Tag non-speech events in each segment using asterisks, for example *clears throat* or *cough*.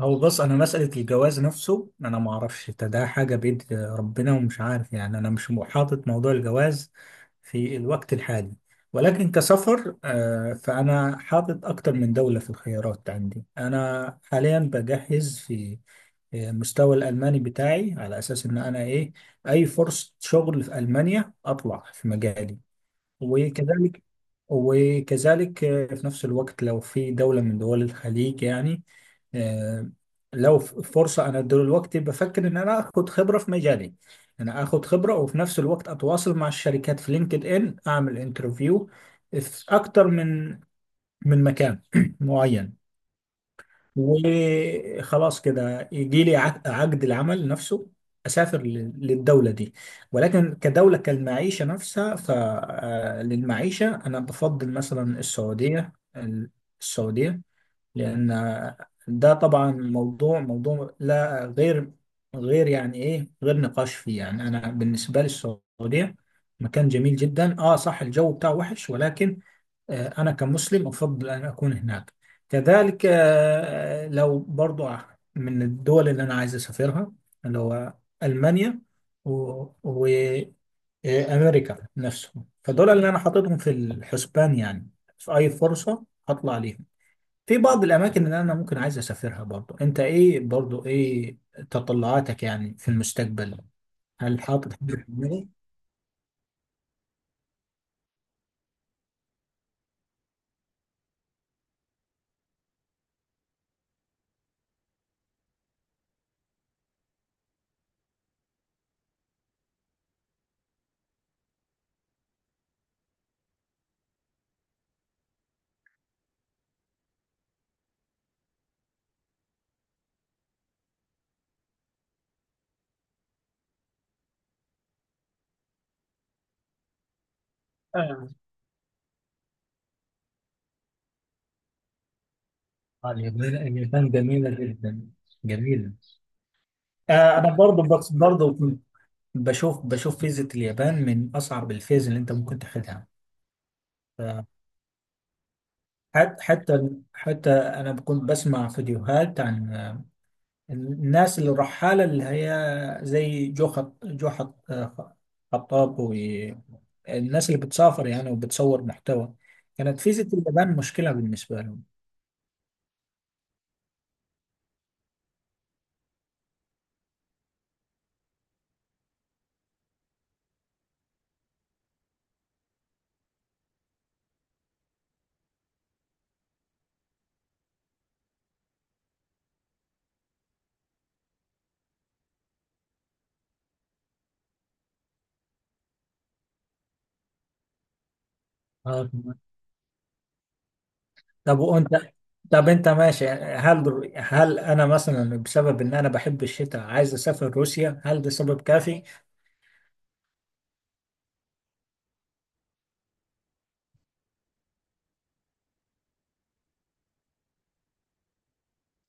هو بص، انا مسألة الجواز نفسه، انا ما اعرفش. ده حاجة بيد ربنا ومش عارف. يعني انا مش حاطط موضوع الجواز في الوقت الحالي، ولكن كسفر فانا حاطط اكتر من دولة في الخيارات عندي. انا حاليا بجهز في مستوى الالماني بتاعي، على اساس ان انا ايه، اي فرصة شغل في المانيا اطلع في مجالي. وكذلك وكذلك، في نفس الوقت لو في دولة من دول الخليج يعني، آه، لو فرصة. أنا دلوقتي بفكر إن أنا آخد خبرة في مجالي، أنا آخد خبرة وفي نفس الوقت أتواصل مع الشركات في لينكد إن، أعمل انترفيو في أكتر من مكان *clears throat* معين، وخلاص كده يجي لي عقد العمل نفسه، اسافر للدوله دي. ولكن كدوله كالمعيشه نفسها، فللمعيشه انا بفضل مثلا السعوديه. السعوديه لان ده طبعا موضوع، لا غير، غير يعني ايه، غير نقاش فيه. يعني انا بالنسبه لي السعوديه مكان جميل جدا. اه صح، الجو بتاعه وحش، ولكن أنا كمسلم أفضل أن أكون هناك. كذلك لو برضو من الدول اللي أنا عايز أسافرها، اللي هو ألمانيا وأمريكا نفسهم، فدول اللي أنا حاططهم في الحسبان، يعني في أي فرصة هطلع ليهم. في بعض الأماكن اللي أنا ممكن عايز أسافرها برضو. أنت إيه برضو، إيه تطلعاتك يعني في المستقبل؟ هل حاطط حاجة في دماغك؟ آه، اليابان، جميلة جدا، جميلة. انا برضو برضو بشوف، فيزة اليابان من اصعب الفيز اللي انت ممكن تاخدها. حتى انا كنت بسمع فيديوهات عن الناس اللي الرحالة، اللي هي زي جو خط، خطاب، والناس اللي بتسافر يعني وبتصور محتوى، كانت فيزة اليابان مشكلة بالنسبة لهم. تمام. طب وانت، طب انت ماشي، هل انا مثلا بسبب ان انا بحب الشتاء عايز اسافر روسيا، هل ده سبب كافي؟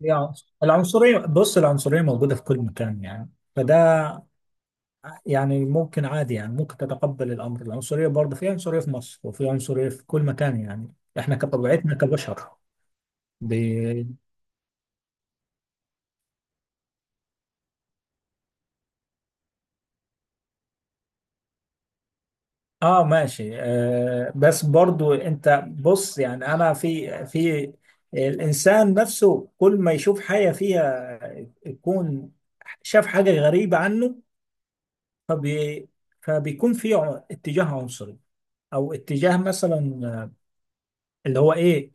يعني العنصرية، بص العنصرية موجودة في كل مكان يعني، فده يعني ممكن عادي، يعني ممكن تتقبل الأمر. العنصرية برضه، في عنصرية في مصر وفي عنصرية في كل مكان يعني، احنا كطبيعتنا كبشر ب... اه ماشي. بس برضه انت بص، يعني انا في الانسان نفسه، كل ما يشوف حاجة فيها يكون شاف حاجة غريبة عنه، فبي... فبيكون في اتجاه عنصري، او اتجاه مثلا اللي هو ايه،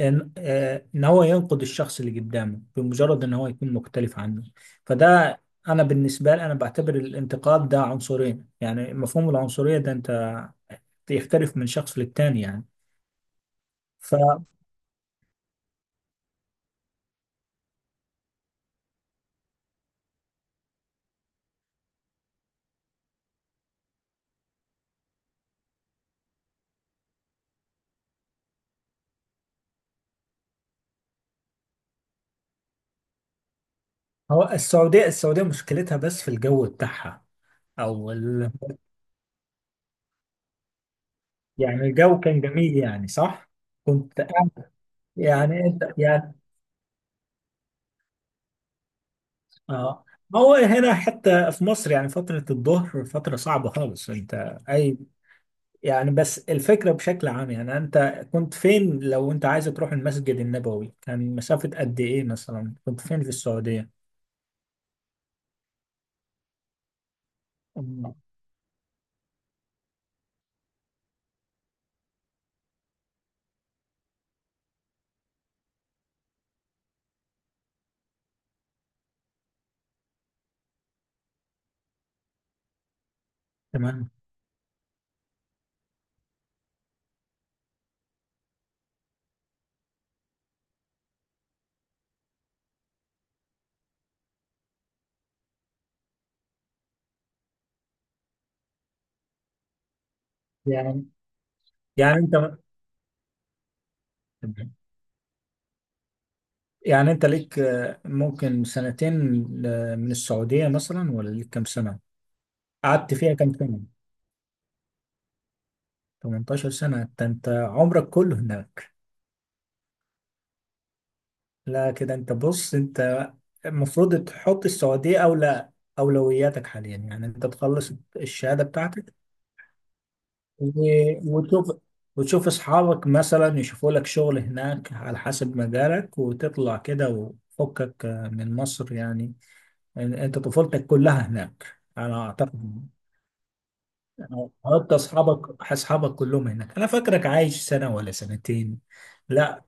ان ان هو ينقد الشخص اللي قدامه بمجرد ان هو يكون مختلف عنه. فده انا بالنسبه لي، انا بعتبر الانتقاد ده عنصرين، يعني مفهوم العنصريه ده انت يختلف من شخص للتاني يعني، فهو السعوديه. مشكلتها بس في الجو بتاعها، او يعني الجو كان جميل يعني، صح؟ كنت قاعد- يعني انت يعني اه، ما هو هنا حتى في مصر يعني فترة الظهر فترة صعبة خالص، انت اي يعني. بس الفكرة بشكل عام، يعني أنت كنت فين، لو أنت عايز تروح المسجد النبوي كان مسافة قد إيه، مثلا كنت فين في السعودية؟ أم، تمام. يعني أنت، يعني أنت ليك ممكن سنتين من السعودية مثلا، ولا ليك كام سنة؟ قعدت فيها كام سنة؟ 18 سنة؟ أنت عمرك كله هناك؟ لا كده أنت بص، أنت المفروض تحط السعودية أولى أولوياتك حاليا. يعني أنت تخلص الشهادة بتاعتك، وتشوف، اصحابك مثلا يشوفوا لك شغل هناك على حسب مجالك، وتطلع كده وفكك من مصر يعني. انت طفولتك كلها هناك انا اعتقد، حتى اصحابك، كلهم هناك. انا فاكرك عايش سنة ولا سنتين؟ لا،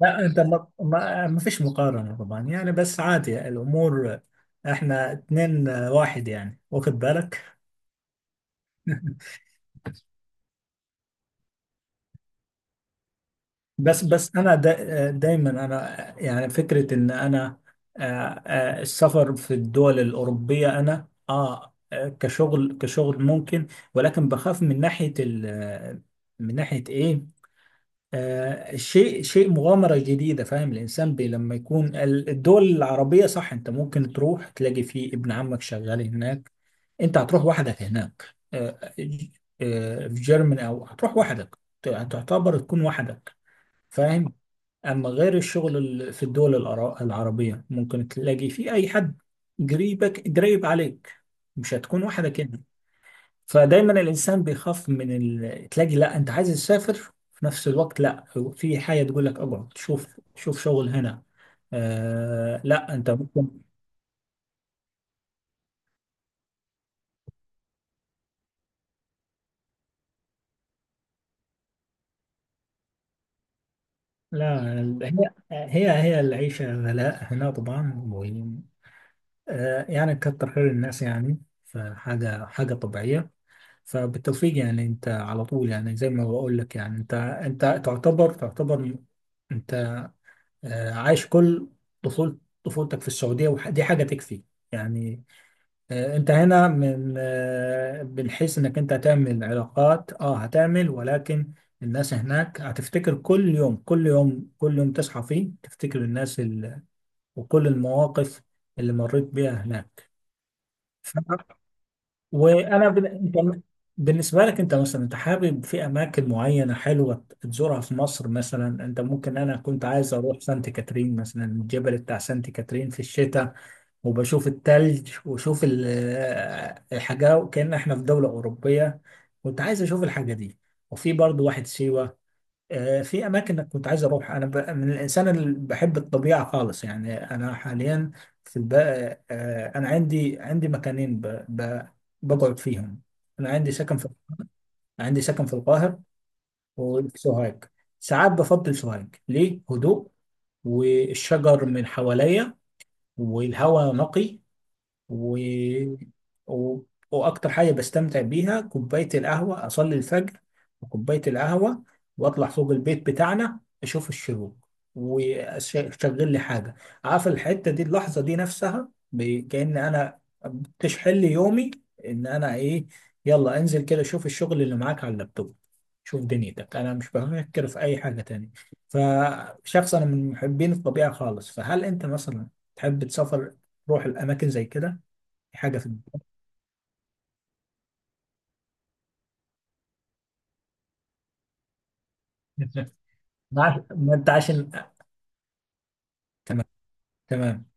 انت ما, فيش مقارنة طبعا يعني. بس عادي الامور، احنا اتنين واحد يعني، واخد بالك. بس انا دا دايما، انا يعني فكره ان انا آه، السفر في الدول الاوروبيه انا اه، كشغل ممكن، ولكن بخاف من ناحيه ال، من ناحيه ايه، آه شيء، مغامره جديده، فاهم؟ الانسان بي لما يكون الدول العربيه، صح، انت ممكن تروح تلاقي فيه ابن عمك شغال هناك. انت هتروح وحدك هناك، في جيرماني، او هتروح وحدك تعتبر، تكون وحدك، فاهم؟ أما غير الشغل في الدول العربية ممكن تلاقي في أي حد قريبك قريب عليك، مش هتكون واحدة كده. فدايما الإنسان بيخاف من تلاقي لا أنت عايز تسافر، في نفس الوقت لا، في حاجة تقول لك اقعد شوف، شغل هنا. آه، لا أنت ممكن. لا، هي العيشة غلاء هنا طبعا و... آه يعني كتر خير الناس يعني، فحاجة، طبيعية. فبالتوفيق يعني. انت على طول يعني، زي ما بقول لك يعني، انت تعتبر تعتبر، انت عايش كل طفولة، في السعودية، ودي حاجة تكفي يعني. انت هنا من بنحس انك انت هتعمل علاقات، اه هتعمل، ولكن الناس هناك هتفتكر. كل يوم، كل يوم تصحى فيه تفتكر الناس وكل المواقف اللي مريت بيها هناك. وانا بن... انت بالنسبه لك انت مثلا، انت حابب في اماكن معينه حلوه تزورها في مصر مثلا؟ انت ممكن، انا كنت عايز اروح سانت كاترين مثلا، الجبل بتاع سانت كاترين في الشتاء، وبشوف التلج وشوف الحاجه، وكأن احنا في دوله اوروبيه. كنت عايز اشوف الحاجه دي، وفي برضو واحد سيوه. في اماكن كنت عايز اروح. انا من الانسان اللي بحب الطبيعه خالص يعني. انا حاليا في الب... آه، انا عندي، مكانين بقعد فيهم. انا عندي سكن في، سكن في القاهره وفي سوهاج. ساعات بفضل سوهاج ليه هدوء والشجر من حواليا والهواء نقي و... و... واكتر حاجه بستمتع بيها كوبايه القهوه. اصلي الفجر وكوبايه القهوه، واطلع فوق البيت بتاعنا اشوف الشروق، واشغل لي حاجه. عارف الحته دي، اللحظه دي نفسها كأن انا بتشحن لي يومي ان انا ايه، يلا انزل كده شوف الشغل اللي معاك على اللابتوب، شوف دنيتك. انا مش بفكر في اي حاجه تانية. فشخص انا من محبين الطبيعه خالص، فهل انت مثلا تحب تسافر تروح الاماكن زي كده؟ حاجة في 12 مادة *laughs* عشان. تمام. تمام